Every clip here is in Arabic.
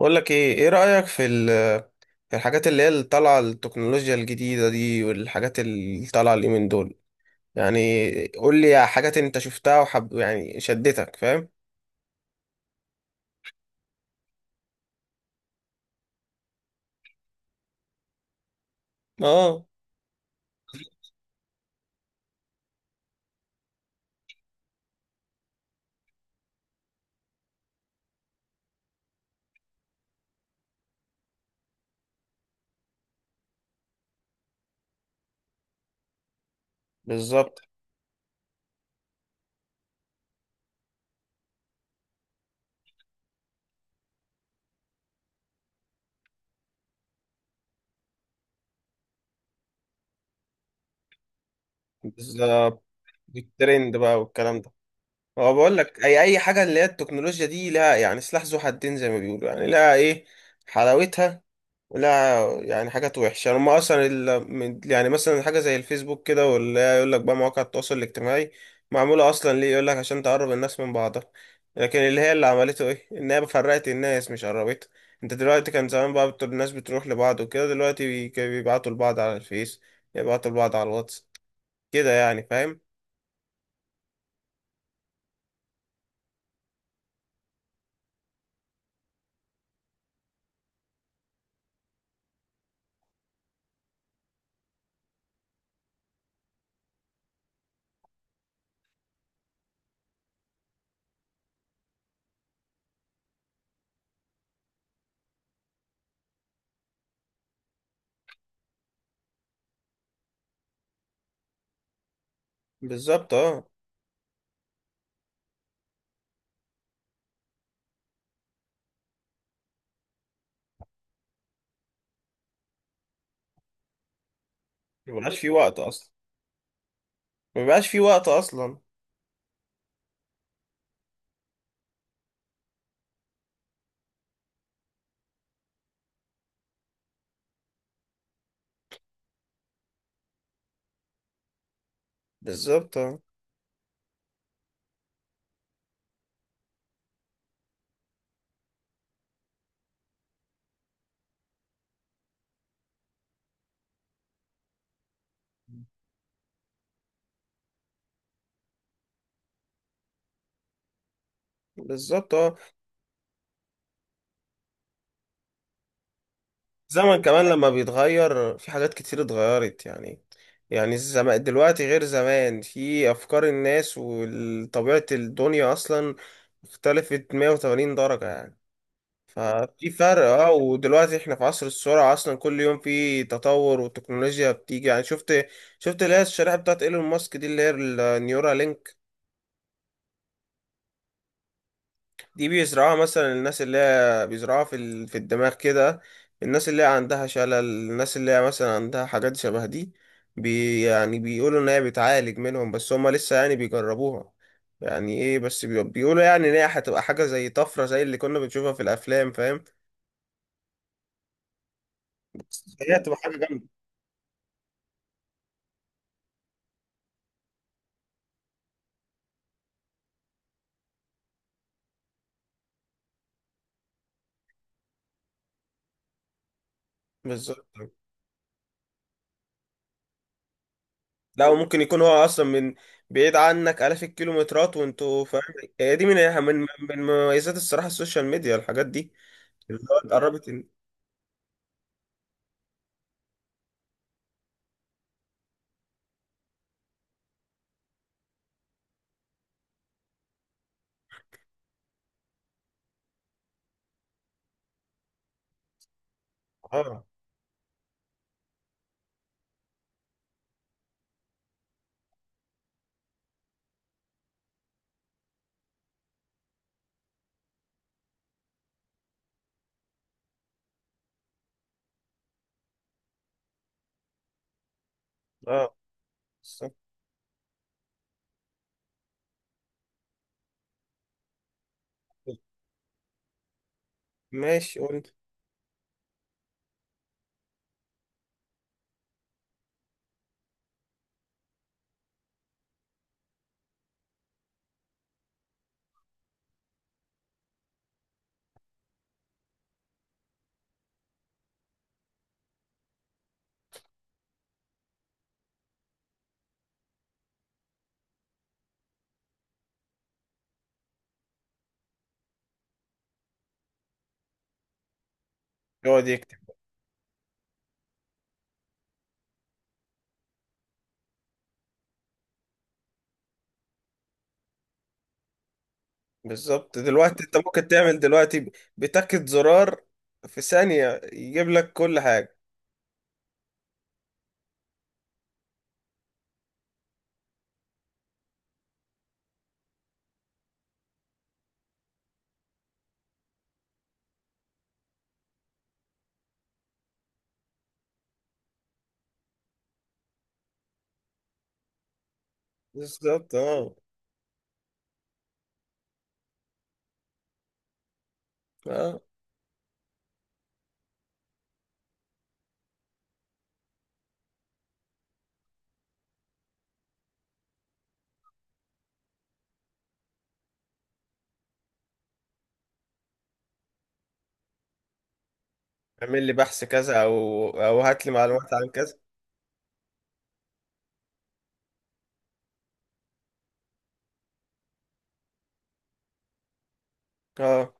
بقول لك ايه رأيك في في الحاجات اللي هي اللي طالعه التكنولوجيا الجديدة دي والحاجات اللي طالعه اليومين دول، يعني قول لي حاجات انت شفتها وحب يعني شدتك، فاهم؟ اه. بالظبط. بالظبط، الترند بقى والكلام ده. هو بقول لك اي حاجة اللي هي التكنولوجيا دي لها يعني سلاح ذو حدين زي ما بيقولوا، يعني لها ايه، حلاوتها. لا، يعني حاجات وحشة هما أصلا يعني مثلا حاجة زي الفيسبوك كده، ولا يقول لك بقى مواقع التواصل الاجتماعي معمولة أصلا ليه، يقول لك عشان تقرب الناس من بعضها، لكن اللي هي اللي عملته إيه؟ إن هي فرقت الناس مش قربتها. أنت دلوقتي كان زمان بقى الناس بتروح لبعض وكده، دلوقتي كانوا بيبعتوا لبعض على الفيس، يبعتوا لبعض على الواتس كده يعني، فاهم؟ بالظبط اه. مبيبقاش في وقت أصلا. مبيبقاش في وقت أصلا. بالظبط اه. بالظبط اه. زمن كمان لما بيتغير، في حاجات كتير اتغيرت يعني. يعني الزمان دلوقتي غير زمان في أفكار الناس وطبيعة الدنيا، أصلا اختلفت 180 درجة يعني. ففي فرق اه، ودلوقتي احنا في عصر السرعة أصلا، كل يوم في تطور وتكنولوجيا بتيجي يعني. شفت اللي هي الشريحة بتاعت ايلون ماسك دي، اللي هي النيورالينك. دي بيزرعوها مثلا الناس، اللي هي بيزرعوها في في الدماغ كده، الناس اللي هي عندها شلل، الناس اللي هي مثلا عندها حاجات شبه دي، يعني بيقولوا ان هي بتعالج منهم، بس هما لسه يعني بيجربوها. يعني ايه، بس بيقولوا يعني ان هي هتبقى حاجة زي طفرة، زي اللي كنا بنشوفها في الافلام، فاهم؟ هي هتبقى حاجة جامدة. بالظبط. لا، وممكن يكون هو اصلا من بعيد عنك آلاف الكيلومترات، وانتوا فاهم. هي دي من مميزات الصراحة السوشيال ميديا، الحاجات دي اللي هو قربت. اه. اه. بالظبط. ماشي، قول. يقعد يكتب. بالظبط. دلوقتي انت ممكن تعمل دلوقتي بتاكد زرار في ثانية يجيب لك كل حاجة. بالظبط اه. اه، اعمل لي بحث كذا او هات لي معلومات عن كذا. اه.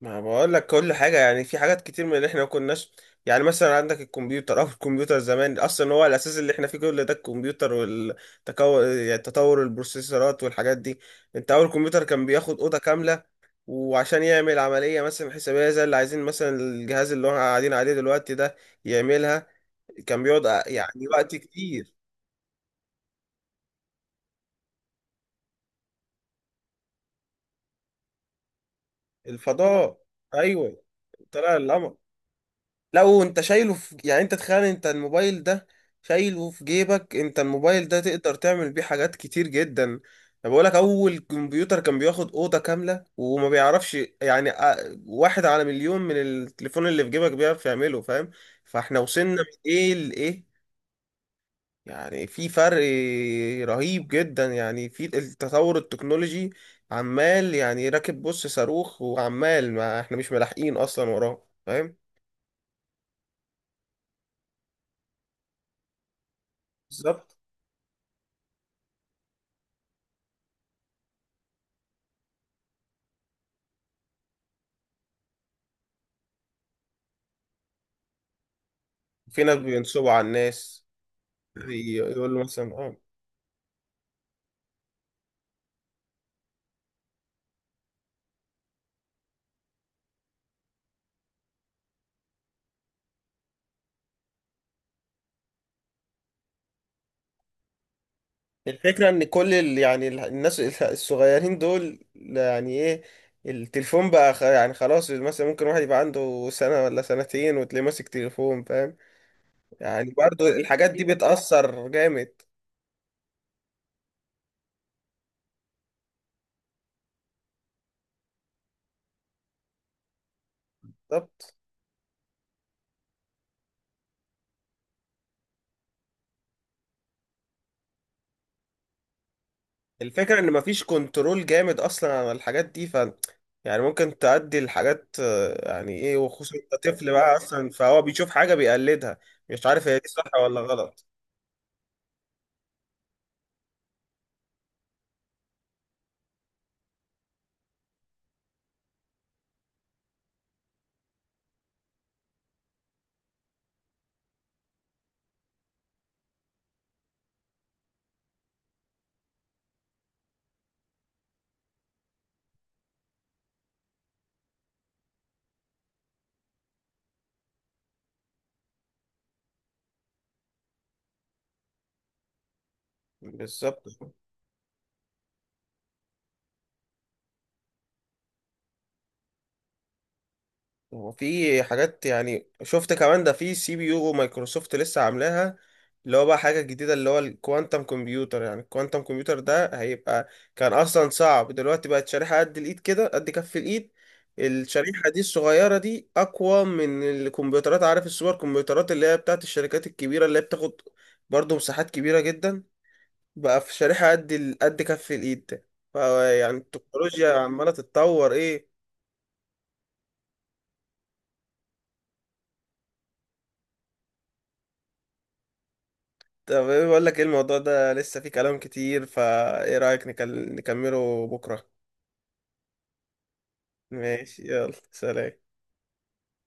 ما بقول لك كل حاجة يعني، في حاجات كتير من اللي احنا ما كناش. يعني مثلا عندك الكمبيوتر زمان اصلا هو الاساس اللي احنا فيه. كل ده الكمبيوتر يعني تطور البروسيسورات والحاجات دي. انت اول كمبيوتر كان بياخد اوضة كاملة، وعشان يعمل عملية مثلا حسابية زي اللي عايزين، مثلا الجهاز اللي احنا قاعدين عليه دلوقتي ده يعملها، كان بيقعد يعني وقت كتير. الفضاء. ايوه، طلع القمر. لا، وانت شايله في يعني، انت تخيل انت الموبايل ده شايله في جيبك، انت الموبايل ده تقدر تعمل بيه حاجات كتير جدا. انا بقولك اول كمبيوتر كان بياخد اوضة كاملة وما بيعرفش يعني واحد على مليون من التليفون اللي في جيبك بيعرف يعمله، فاهم؟ فاحنا وصلنا من ايه لايه، يعني في فرق رهيب جدا يعني في التطور التكنولوجي، عمال يعني راكب بص صاروخ، وعمال ما احنا مش ملاحقين اصلا وراه، فاهم؟ بالظبط. في ناس بينصبوا على الناس. يقولوا مثلا اه. الفكرة ان كل يعني الناس الصغيرين دول يعني ايه، التليفون بقى يعني خلاص، مثلا ممكن واحد يبقى عنده سنة ولا سنتين وتلاقيه ماسك تليفون، فاهم؟ يعني برضو الحاجات دي بتأثر جامد. بالظبط. الفكرة ان مفيش كنترول جامد اصلا على الحاجات دي، يعني ممكن تأدي الحاجات، يعني ايه، وخصوصا انت طفل بقى اصلا، فهو بيشوف حاجة بيقلدها، مش عارف هي دي صح ولا غلط. بالظبط. هو في حاجات يعني، شفت كمان ده في سي بي يو مايكروسوفت لسه عاملاها، اللي هو بقى حاجة جديدة اللي هو الكوانتم كمبيوتر، يعني الكوانتم كمبيوتر ده هيبقى، كان أصلا صعب، دلوقتي بقت شريحة قد الإيد كده قد كف الإيد. الشريحة دي الصغيرة دي أقوى من الكمبيوترات، عارف السوبر كمبيوترات اللي هي بتاعت الشركات الكبيرة، اللي هي بتاخد برضه مساحات كبيرة جدا، بقى في شريحة قد قد كف الإيد ده، فيعني التكنولوجيا عمالة تتطور إيه. طب إيه، بقول لك ايه، الموضوع ده لسه فيه كلام كتير، فايه رأيك نكمله بكرة. ماشي، يلا سلام.